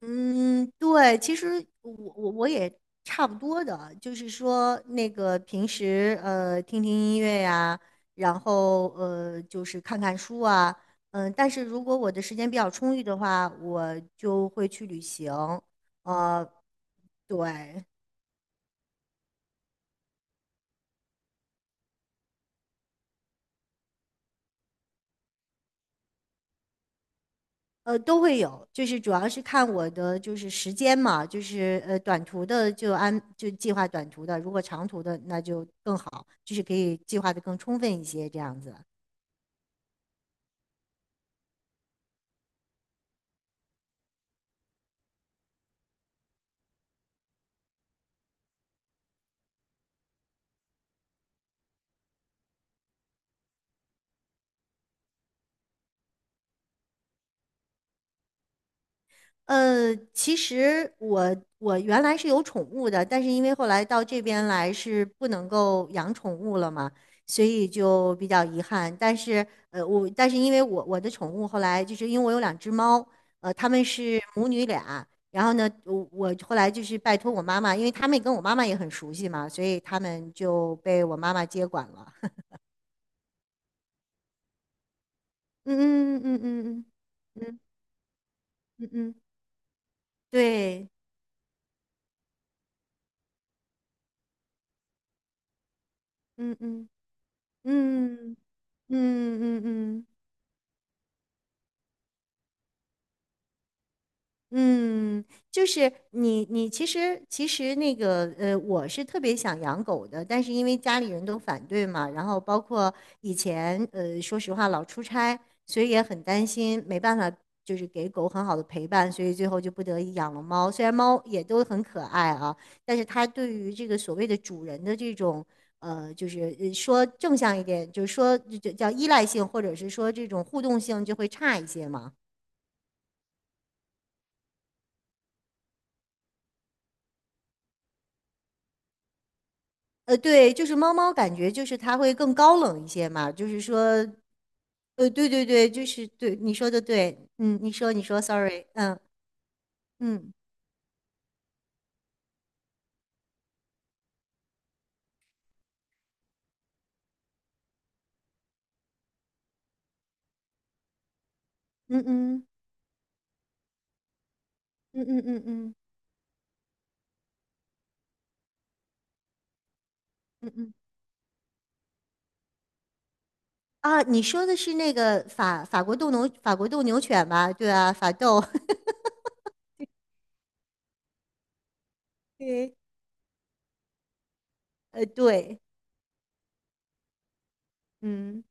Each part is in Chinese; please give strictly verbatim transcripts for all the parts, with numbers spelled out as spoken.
嗯，对，其实我我我也差不多的，就是说那个平时呃听听音乐呀，然后呃就是看看书啊。嗯，但是如果我的时间比较充裕的话，我就会去旅行。呃，对。呃都会有，就是主要是看我的就是时间嘛，就是呃短途的就安就计划短途的，如果长途的那就更好，就是可以计划的更充分一些这样子。呃，其实我我原来是有宠物的，但是因为后来到这边来是不能够养宠物了嘛，所以就比较遗憾。但是呃，我但是因为我我的宠物后来就是因为我有两只猫。呃，它们是母女俩。然后呢，我我后来就是拜托我妈妈，因为他们跟我妈妈也很熟悉嘛，所以他们就被我妈妈接管了。嗯嗯嗯嗯嗯嗯嗯嗯，对，嗯嗯嗯嗯嗯嗯嗯。嗯，就是你，你其实其实那个呃，我是特别想养狗的，但是因为家里人都反对嘛，然后包括以前呃，说实话老出差，所以也很担心，没办法就是给狗很好的陪伴，所以最后就不得已养了猫。虽然猫也都很可爱啊，但是它对于这个所谓的主人的这种呃，就是呃说正向一点，就是说就就叫依赖性，或者是说这种互动性就会差一些嘛。呃，对，就是猫猫感觉就是它会更高冷一些嘛，就是说，呃，对对对，就是对你说的对。嗯，你说你说，sorry。嗯嗯嗯嗯嗯嗯嗯嗯嗯嗯啊，你说的是那个法法国斗牛法国斗牛犬吧？对啊，法斗。对，呃，对。嗯。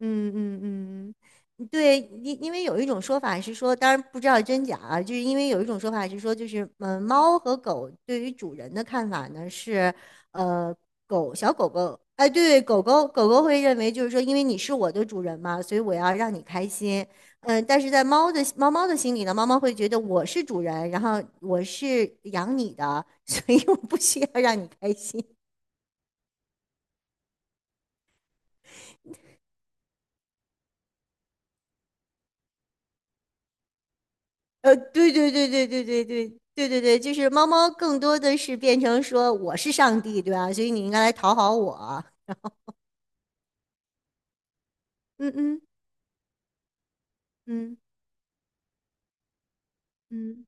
嗯嗯嗯，嗯对，因因为有一种说法是说，当然不知道真假啊，就是因为有一种说法是说，就是嗯，呃猫和狗对于主人的看法呢是，呃，狗小狗狗，哎，对，狗狗狗狗会认为就是说，因为你是我的主人嘛，所以我要让你开心。嗯，但是在猫的猫猫的心里呢，猫猫会觉得我是主人，然后我是养你的，所以我不需要让你开心。呃，对对对对对对对对对对，就是猫猫更多的是变成说我是上帝，对吧？所以你应该来讨好我。嗯嗯嗯嗯。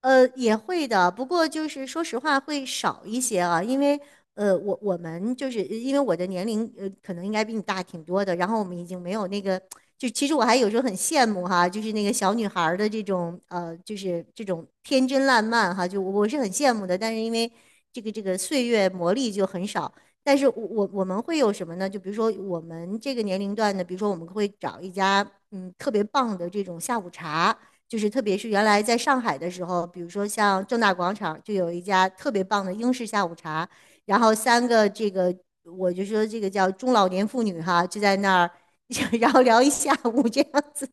呃，也会的，不过就是说实话会少一些啊，因为呃，我我们就是因为我的年龄呃，可能应该比你大挺多的，然后我们已经没有那个，就其实我还有时候很羡慕哈，就是那个小女孩儿的这种呃，就是这种天真烂漫哈，就我我是很羡慕的，但是因为这个这个岁月磨砺就很少，但是我我我们会有什么呢？就比如说我们这个年龄段的，比如说我们会找一家嗯特别棒的这种下午茶。就是特别是原来在上海的时候，比如说像正大广场就有一家特别棒的英式下午茶，然后三个这个我就说这个叫中老年妇女哈，就在那儿。然后聊一下午这样子，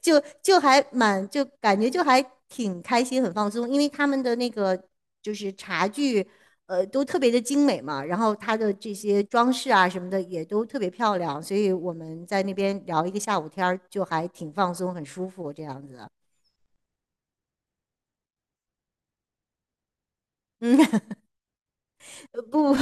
就就还蛮就感觉就还挺开心，很放松，因为他们的那个就是茶具。呃，都特别的精美嘛，然后它的这些装饰啊什么的也都特别漂亮，所以我们在那边聊一个下午天儿，就还挺放松，很舒服这样子。嗯，呃不。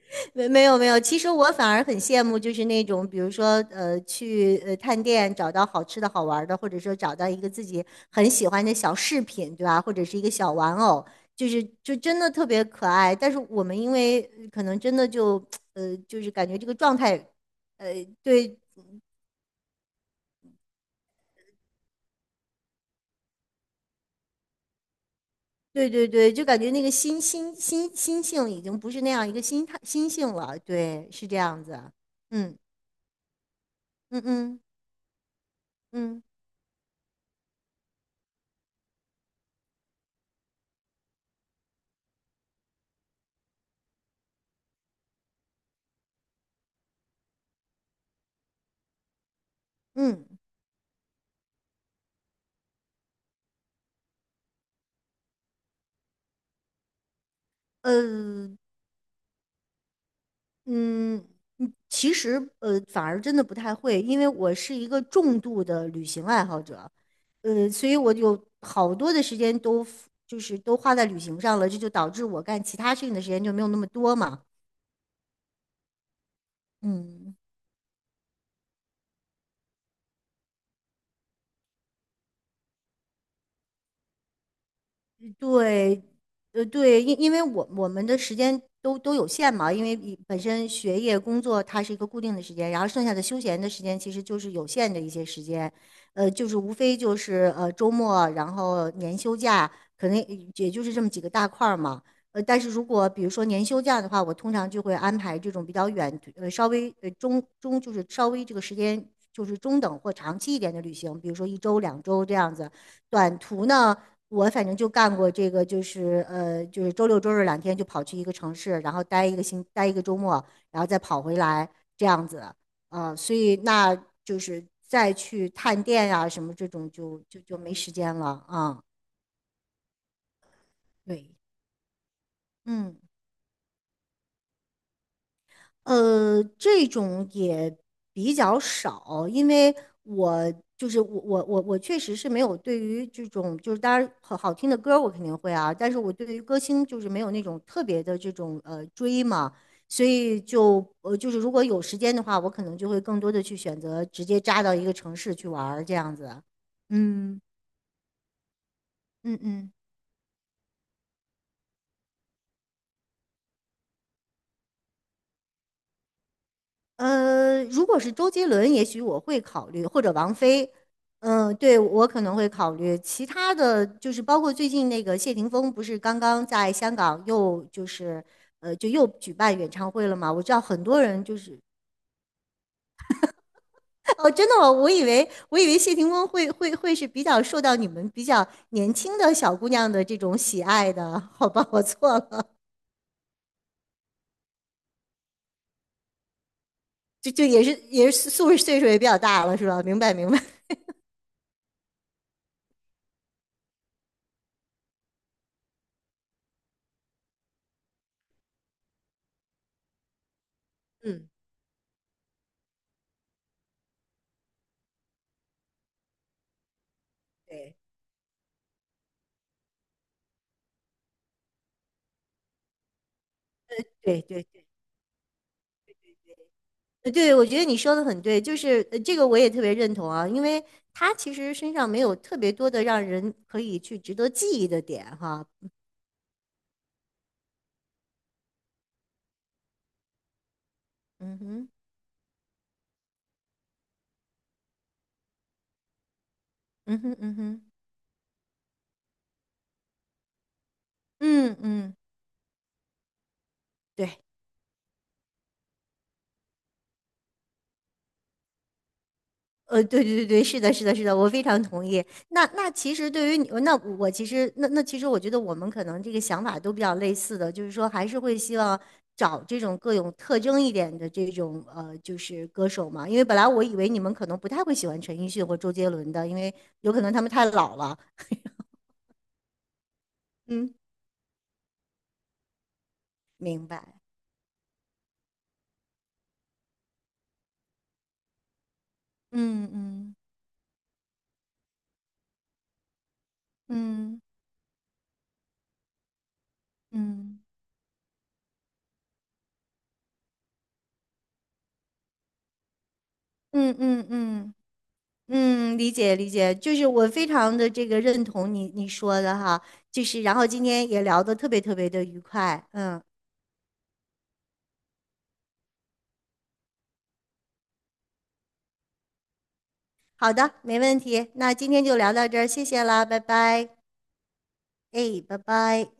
没没有没有，其实我反而很羡慕，就是那种比如说呃去呃探店找到好吃的好玩儿的，或者说找到一个自己很喜欢的小饰品，对吧？或者是一个小玩偶，就是就真的特别可爱。但是我们因为呃可能真的就呃就是感觉这个状态，呃对对对对，就感觉那个心心心心性已经不是那样一个心态心性了，对，是这样子。嗯嗯嗯嗯嗯。呃。嗯，嗯其实呃，反而真的不太会，因为我是一个重度的旅行爱好者。呃，所以我有好多的时间都 f- 就是都花在旅行上了，这就导致我干其他事情的时间就没有那么多嘛。嗯对。呃，对，因因为我我们的时间都都有限嘛，因为你本身学业、工作它是一个固定的时间，然后剩下的休闲的时间其实就是有限的一些时间。呃，就是无非就是呃周末，然后年休假，可能也就是这么几个大块儿嘛。呃，但是如果比如说年休假的话，我通常就会安排这种比较远，呃，稍微呃中中就是稍微这个时间就是中等或长期一点的旅行，比如说一周、两周这样子。短途呢？我反正就干过这个，就是呃，就是周六周日两天就跑去一个城市，然后待一个星，待一个周末，然后再跑回来这样子。呃，所以那就是再去探店呀、啊什么这种就就就没时间了啊。嗯对，嗯。呃，这种也比较少，因为我就是我我我我确实是没有对于这种就是当然好好听的歌我肯定会啊，但是我对于歌星就是没有那种特别的这种呃追嘛，所以就呃就是如果有时间的话，我可能就会更多的去选择直接扎到一个城市去玩儿这样子。嗯嗯嗯。呃，如果是周杰伦，也许我会考虑，或者王菲。嗯，对，我可能会考虑。其他的就是包括最近那个谢霆锋，不是刚刚在香港又就是呃，就又举办演唱会了嘛？我知道很多人就是 哦，真的吗？我以为我以为谢霆锋会会会是比较受到你们比较年轻的小姑娘的这种喜爱的，好吧，我错了，就就也是也是岁数岁数也比较大了，是吧？明白明白。嗯，对对对呃，对，我觉得你说的很对，就是呃这个我也特别认同啊，因为他其实身上没有特别多的让人可以去值得记忆的点哈。嗯哼，嗯哼，嗯哼，嗯嗯，对。呃，对对对对，是的，是的，是的，我非常同意。那那其实对于你，那我其实那那其实我觉得我们可能这个想法都比较类似的，就是说还是会希望找这种各有特征一点的这种呃，就是歌手嘛。因为本来我以为你们可能不太会喜欢陈奕迅或周杰伦的，因为有可能他们太老了。嗯，明白。嗯嗯嗯嗯嗯嗯嗯。嗯嗯嗯，理解理解，就是我非常的这个认同你你说的哈，就是然后今天也聊得特别特别的愉快。嗯，好的，没问题，那今天就聊到这儿，谢谢啦，拜拜。哎，拜拜。